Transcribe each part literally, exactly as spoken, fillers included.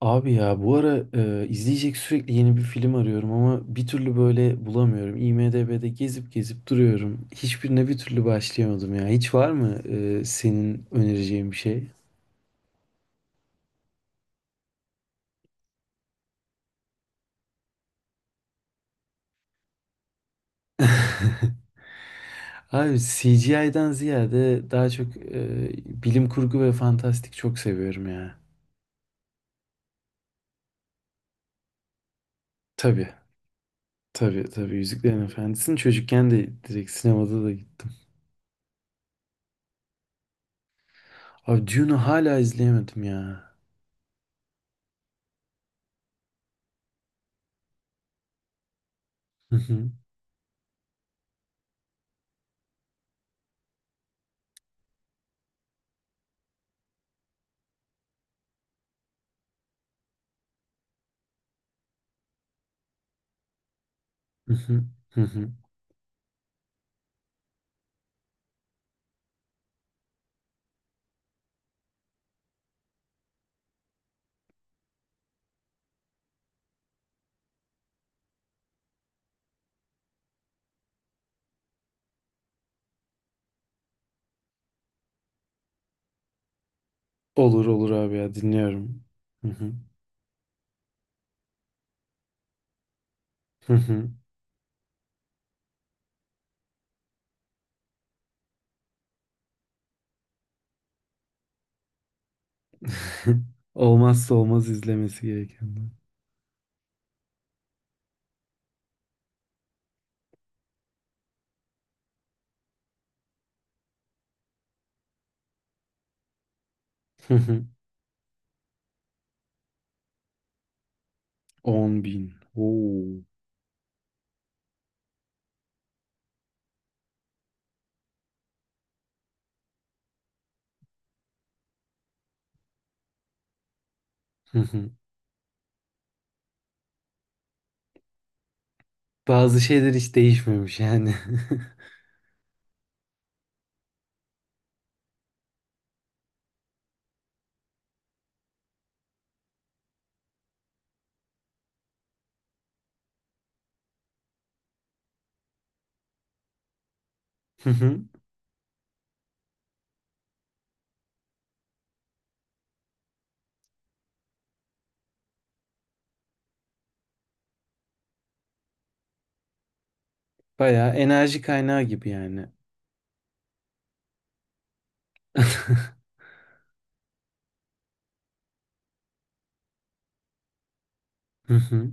Abi ya bu ara e, izleyecek sürekli yeni bir film arıyorum ama bir türlü böyle bulamıyorum. IMDb'de gezip gezip duruyorum. Hiçbirine bir türlü başlayamadım ya. Hiç var mı e, senin önereceğin bir şey? Abi C G I'den ziyade daha çok e, bilim kurgu ve fantastik çok seviyorum ya. Tabii, tabii, tabii. Yüzüklerin Efendisi'ni çocukken de direkt sinemada da gittim. Abi Dune'u hala izleyemedim ya. Hı hı, hı hı, hı hı. Olur olur abi ya dinliyorum. Hı hı. Hı hı. Olmazsa olmaz izlemesi gerekenler. Hı hı. on bin. Oo. Hı hı. Bazı şeyler hiç değişmemiş yani. Hı hı. Bayağı enerji kaynağı gibi yani. Hı hı.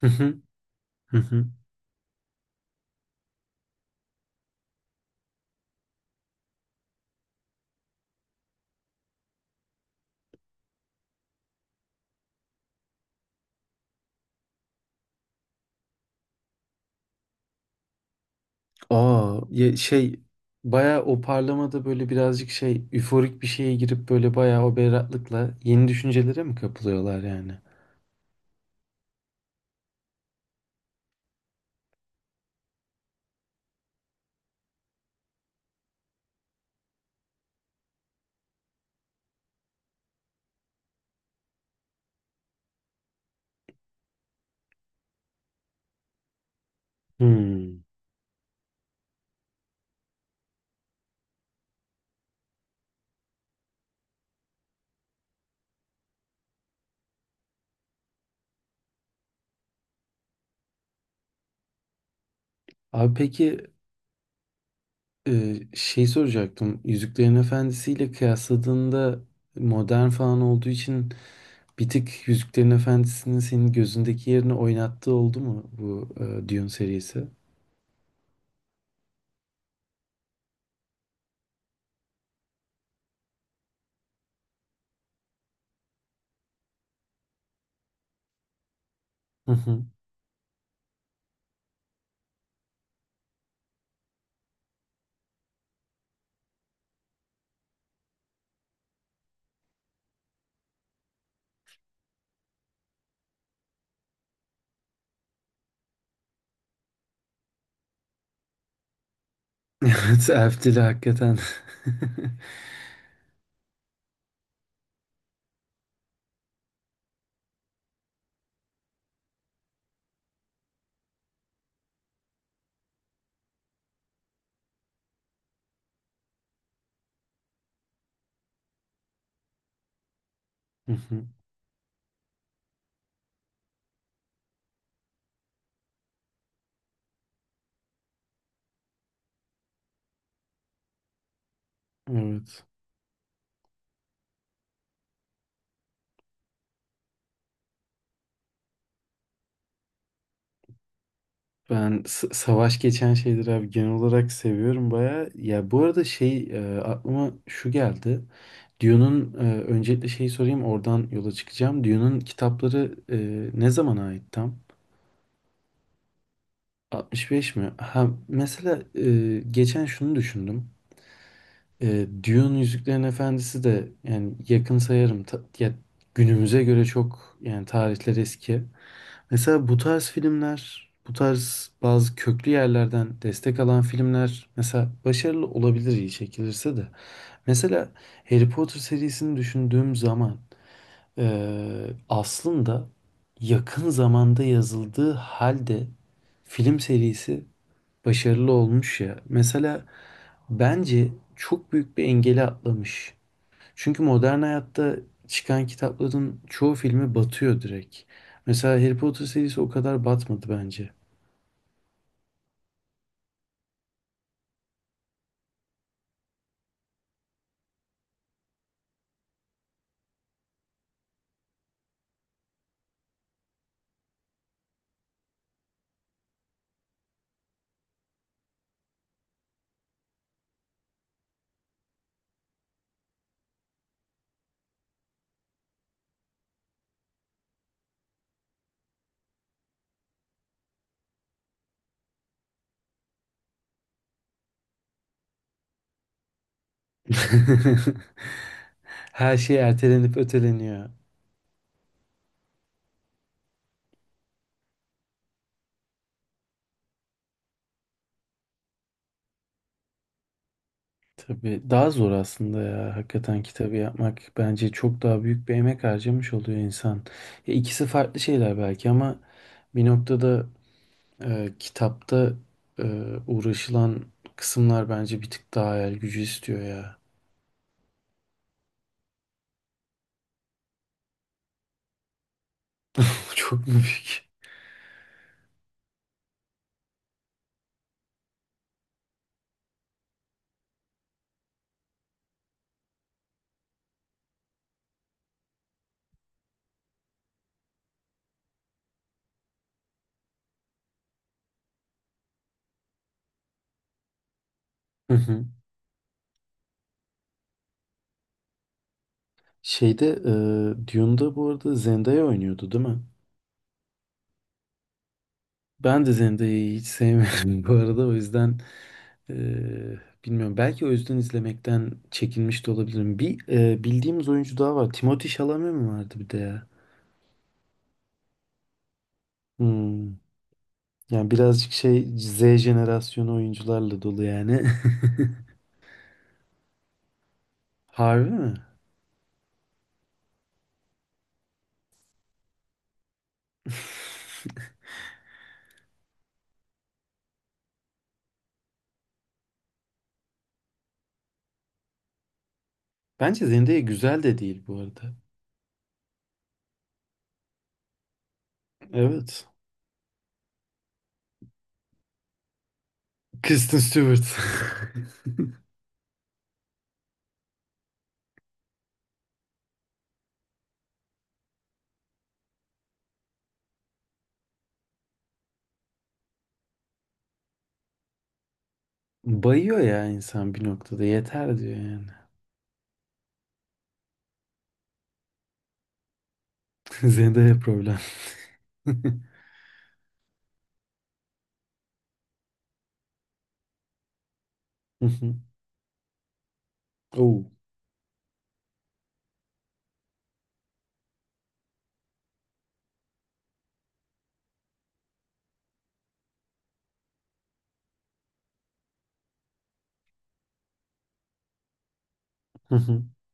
Hı hı. Hı hı. Aa, ya şey bayağı o parlamada böyle birazcık şey üforik bir şeye girip böyle bayağı o berraklıkla yeni düşüncelere mi kapılıyorlar yani? Hmm. Abi peki Ee, şey soracaktım. Yüzüklerin Efendisi ile kıyasladığında modern falan olduğu için bir tık Yüzüklerin Efendisi'nin senin gözündeki yerini oynattığı oldu mu bu e, Dune serisi? Hı hı. Evet, Elf dili hakikaten. Hı hı. Evet. Ben s- savaş geçen şeyleri abi genel olarak seviyorum baya. Ya bu arada şey e, aklıma şu geldi. Dune'un e, öncelikle şeyi sorayım, oradan yola çıkacağım. Dune'un kitapları e, ne zamana ait tam? altmış beş mi? Ha, mesela e, geçen şunu düşündüm. E, Dune Yüzüklerin Efendisi de yani yakın sayarım. Ta- ya, günümüze göre çok yani tarihler eski. Mesela bu tarz filmler, bu tarz bazı köklü yerlerden destek alan filmler mesela başarılı olabilir iyi çekilirse de. Mesela Harry Potter serisini düşündüğüm zaman e, aslında yakın zamanda yazıldığı halde film serisi başarılı olmuş ya. Mesela bence çok büyük bir engeli atlamış. Çünkü modern hayatta çıkan kitapların çoğu filmi batıyor direkt. Mesela Harry Potter serisi o kadar batmadı bence. Her şey ertelenip öteleniyor. Tabii daha zor aslında ya. Hakikaten kitabı yapmak bence çok daha büyük bir emek harcamış oluyor insan. Ya ikisi farklı şeyler belki ama bir noktada e, kitapta e, uğraşılan kısımlar bence bir tık daha hayal gücü istiyor ya. Çok mu büyük? Hı hı. Şeyde e, Dune'da bu arada Zendaya oynuyordu değil mi? Ben de Zendaya'yı hiç sevmiyorum bu arada o yüzden e, bilmiyorum. Belki o yüzden izlemekten çekinmiş de olabilirim. Bir e, bildiğimiz oyuncu daha var. Timothée Chalamet mi vardı bir de ya? Hmm. Yani birazcık şey Z jenerasyonu oyuncularla dolu yani. Harbi mi? Bence Zendaya güzel de değil bu arada. Evet. Kristen Stewart. Bayıyor ya insan bir noktada. Yeter diyor yani. Zendaya problem. Oh.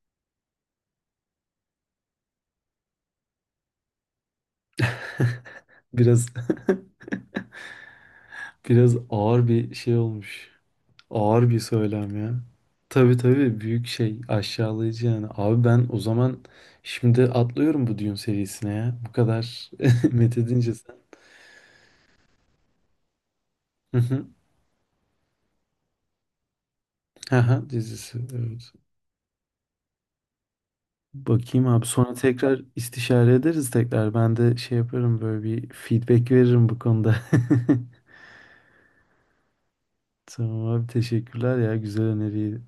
Biraz biraz ağır bir şey olmuş. Ağır bir söylem ya. Tabii tabii büyük şey aşağılayıcı yani. Abi ben o zaman şimdi atlıyorum bu Dune serisine ya. Bu kadar methedince sen. Hı hı. Haha, dizisi. Evet. Bakayım abi sonra tekrar istişare ederiz tekrar. Ben de şey yaparım, böyle bir feedback veririm bu konuda. Tamam abi, teşekkürler ya güzel öneriyi.